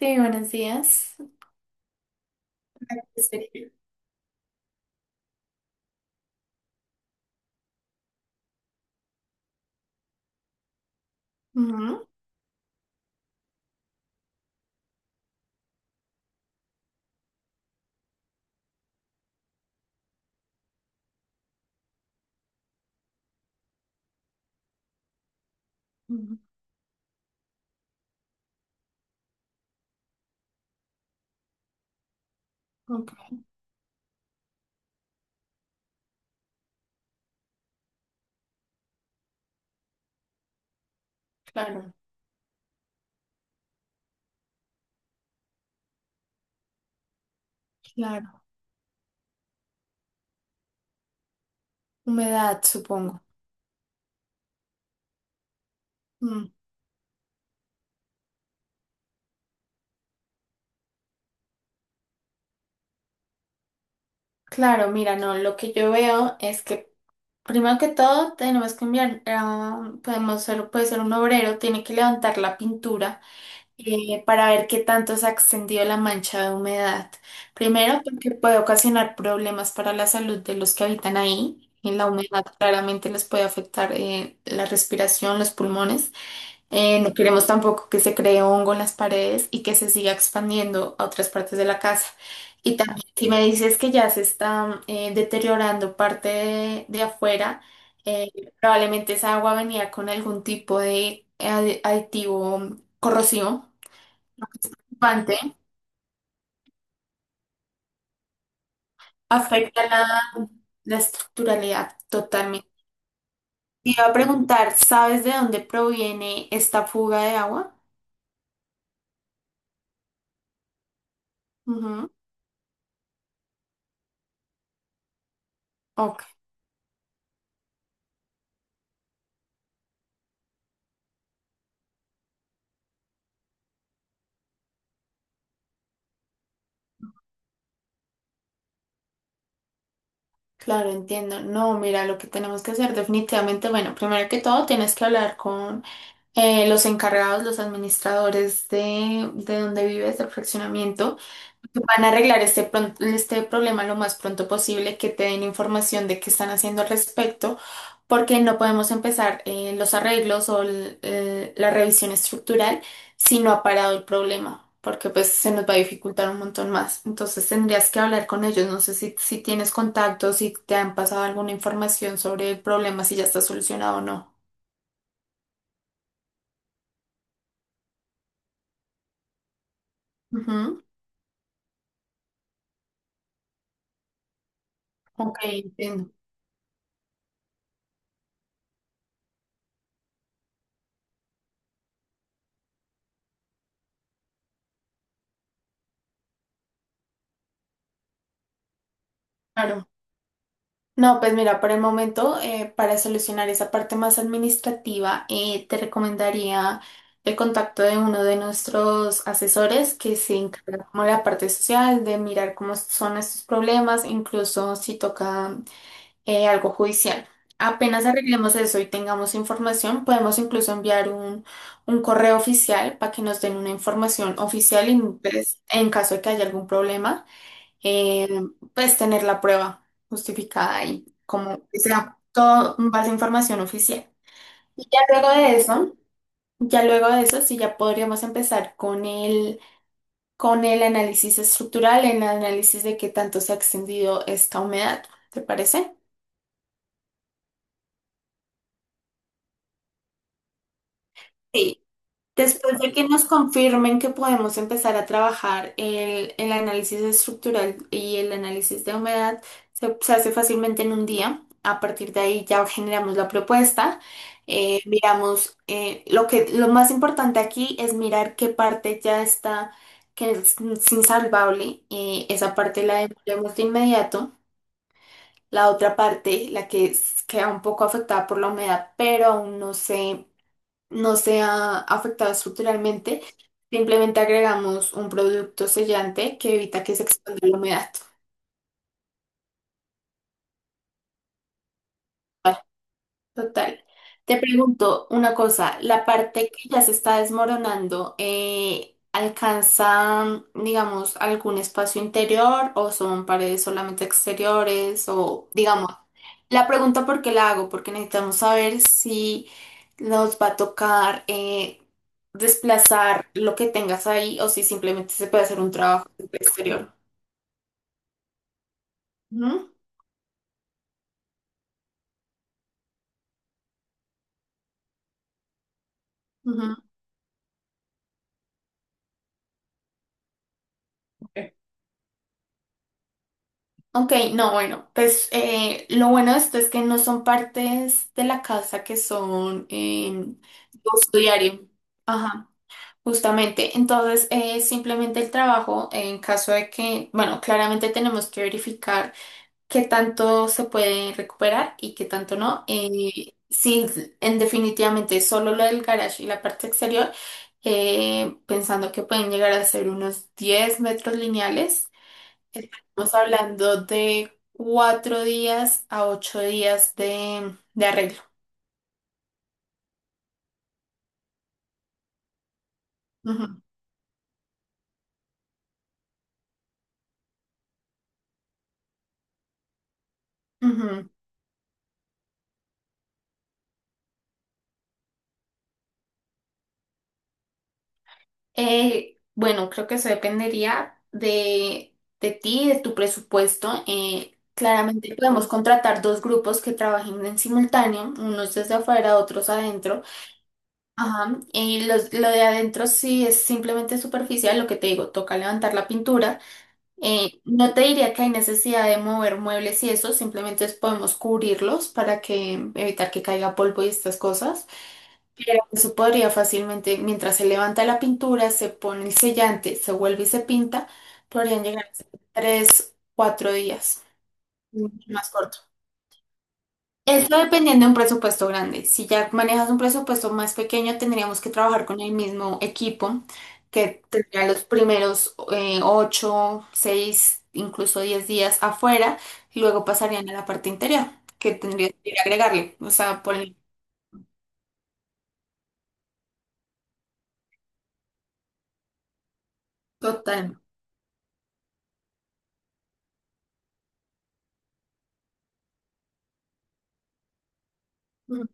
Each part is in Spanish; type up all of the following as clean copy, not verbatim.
Sí, buenos días. Sí. Ujú, ujú, ok. Claro, claro. Humedad, supongo. Mm, Claro, mira, no, lo que yo veo es que primero que todo tenemos que enviar, podemos puede ser un obrero, tiene que levantar la pintura para ver qué tanto se ha extendido la mancha de humedad. Primero, porque puede ocasionar problemas para la salud de los que habitan ahí. Y la humedad claramente les puede afectar, la respiración, los pulmones. No queremos tampoco que se cree hongo en las paredes y que se siga expandiendo a otras partes de la casa. Y claro. También, si me dices que ya se está, deteriorando parte de, afuera, eh, probablemente esa agua venía con algún tipo de aditivo corrosivo, lo que es preocupante, afecta la, la estructuralidad totalmente. Te iba a preguntar, ¿sabes de dónde proviene esta fuga de agua? Ujú. Ok. Claro, entiendo. No, mira, lo que tenemos que hacer definitivamente, bueno, primero que todo tienes que hablar con, los encargados, los administradores de donde vives, del fraccionamiento. Van a arreglar este, este problema lo más pronto posible, que te den información de qué están haciendo al respecto, porque no podemos empezar, los arreglos o la revisión estructural si no ha parado el problema, porque pues se nos va a dificultar un montón más. Entonces tendrías que hablar con ellos, no sé si, si tienes contactos, si te han pasado alguna información sobre el problema, si ya está solucionado o no. Ujú. Ok, entiendo. Claro. No, pues mira, por el momento, para solucionar esa parte más administrativa, te recomendaría el contacto de uno de nuestros asesores que se encarga como la parte social, de mirar cómo son estos problemas, incluso si toca, algo judicial. Apenas arreglemos eso y tengamos información, podemos incluso enviar un correo oficial para que nos den una información oficial y pues, en caso de que haya algún problema, eh, pues tener la prueba justificada y como que sea todo en base a información oficial. Y ya luego de eso, sí ya podríamos empezar con con el análisis estructural, el análisis de qué tanto se ha extendido esta humedad, ¿te parece? Después de que nos confirmen que podemos empezar a trabajar el análisis estructural y el análisis de humedad, se hace fácilmente en un día. A partir de ahí ya generamos la propuesta. Miramos, lo que, lo más importante aquí es mirar qué parte ya está, que es insalvable. Esa parte la demolemos de inmediato. La otra parte, la que queda un poco afectada por la humedad, pero aún no sé, no sea afectada estructuralmente, simplemente agregamos un producto sellante que evita que se expanda la humedad. Total. Te pregunto una cosa, la parte que ya se está desmoronando, ¿alcanza, digamos, algún espacio interior o son paredes solamente exteriores? O, digamos, la pregunta por qué la hago, porque necesitamos saber si nos va a tocar, desplazar lo que tengas ahí o si simplemente se puede hacer un trabajo exterior. Ujú, ujú. Ok, no, bueno, pues lo bueno de esto es que no son partes de la casa que son de uso diario. Ajá, justamente. Entonces, simplemente el trabajo, en caso de que, bueno, claramente tenemos que verificar qué tanto se puede recuperar y qué tanto no. Sí, en definitivamente solo lo del garage y la parte exterior, pensando que pueden llegar a ser unos 10 metros lineales. Estamos hablando de 4 días a 8 días de arreglo. Ujú, ujú. Bueno, creo que eso dependería de ti, de tu presupuesto. Claramente podemos contratar dos grupos que trabajen en simultáneo, unos desde afuera, otros adentro. Ajá. Y lo de adentro sí es simplemente superficial, lo que te digo, toca levantar la pintura. No te diría que hay necesidad de mover muebles y eso, simplemente podemos cubrirlos para que evitar que caiga polvo y estas cosas. Pero eso podría fácilmente, mientras se levanta la pintura, se pone el sellante, se vuelve y se pinta, podrían llegar a ser 3, 4 días, mucho más corto. Eso dependiendo de un presupuesto grande. Si ya manejas un presupuesto más pequeño, tendríamos que trabajar con el mismo equipo que tendría los primeros, ocho, seis, incluso 10 días afuera y luego pasarían a la parte interior, que tendrías que agregarle. O sea, por el total. mm,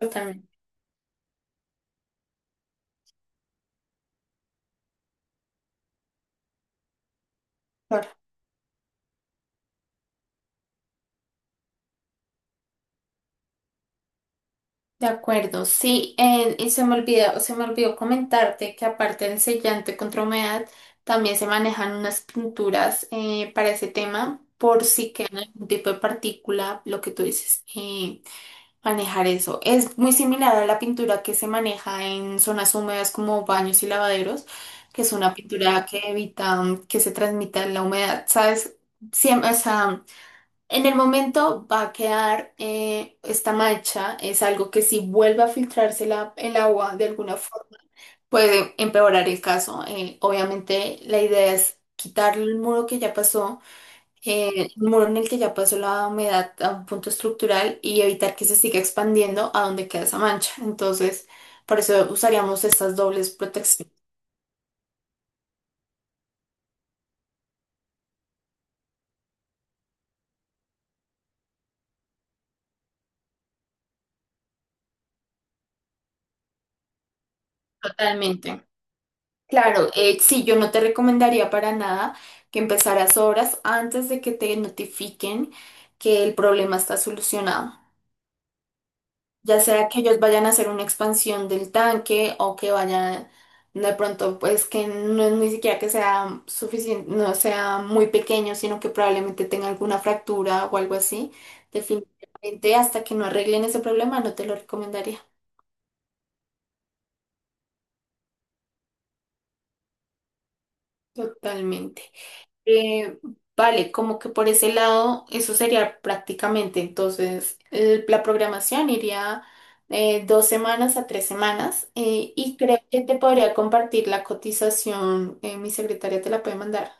Totalmente. De acuerdo, sí, y se me olvidó, comentarte que aparte del sellante contra humedad, también se manejan unas pinturas, para ese tema, por si queda algún tipo de partícula, lo que tú dices, manejar eso. Es muy similar a la pintura que se maneja en zonas húmedas como baños y lavaderos, que es una pintura que evita que se transmita la humedad, ¿sabes? Siempre, en el momento va a quedar, esta mancha, es algo que si vuelve a filtrarse el agua de alguna forma puede empeorar el caso. Obviamente la idea es quitar el muro que ya pasó, eh, el muro en el que ya pasó la humedad a un punto estructural y evitar que se siga expandiendo a donde queda esa mancha. Entonces, por eso usaríamos estas dobles protecciones. Totalmente. Claro, sí, yo no te recomendaría para nada que empezaras obras antes de que te notifiquen que el problema está solucionado. Ya sea que ellos vayan a hacer una expansión del tanque o que vayan de pronto, pues que no es ni siquiera que sea suficiente, no sea muy pequeño, sino que probablemente tenga alguna fractura o algo así. Definitivamente, hasta que no arreglen ese problema, no te lo recomendaría. Totalmente. Eh, vale, como que por ese lado, eso sería prácticamente. Entonces, la programación iría, 2 semanas a 3 semanas, y creo que te podría compartir la cotización. Eh, mi secretaria te la puede mandar.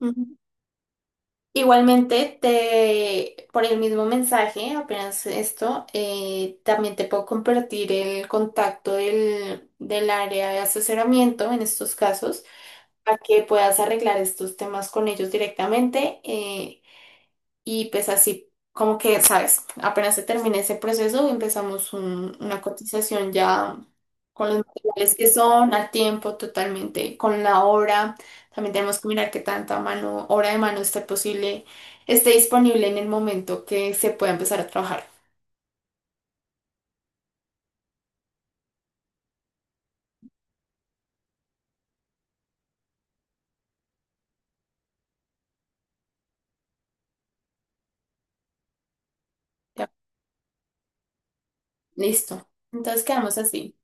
Ujú. Igualmente, por el mismo mensaje, apenas esto, también te puedo compartir el contacto del, del área de asesoramiento en estos casos para que puedas arreglar estos temas con ellos directamente, y pues así como que, sabes, apenas se termine ese proceso, empezamos una cotización ya con los materiales que son, a tiempo totalmente, con la hora. También tenemos que mirar qué tanta mano, hora de mano esté posible, esté disponible en el momento que se pueda empezar a trabajar. Ya, listo. Entonces quedamos así.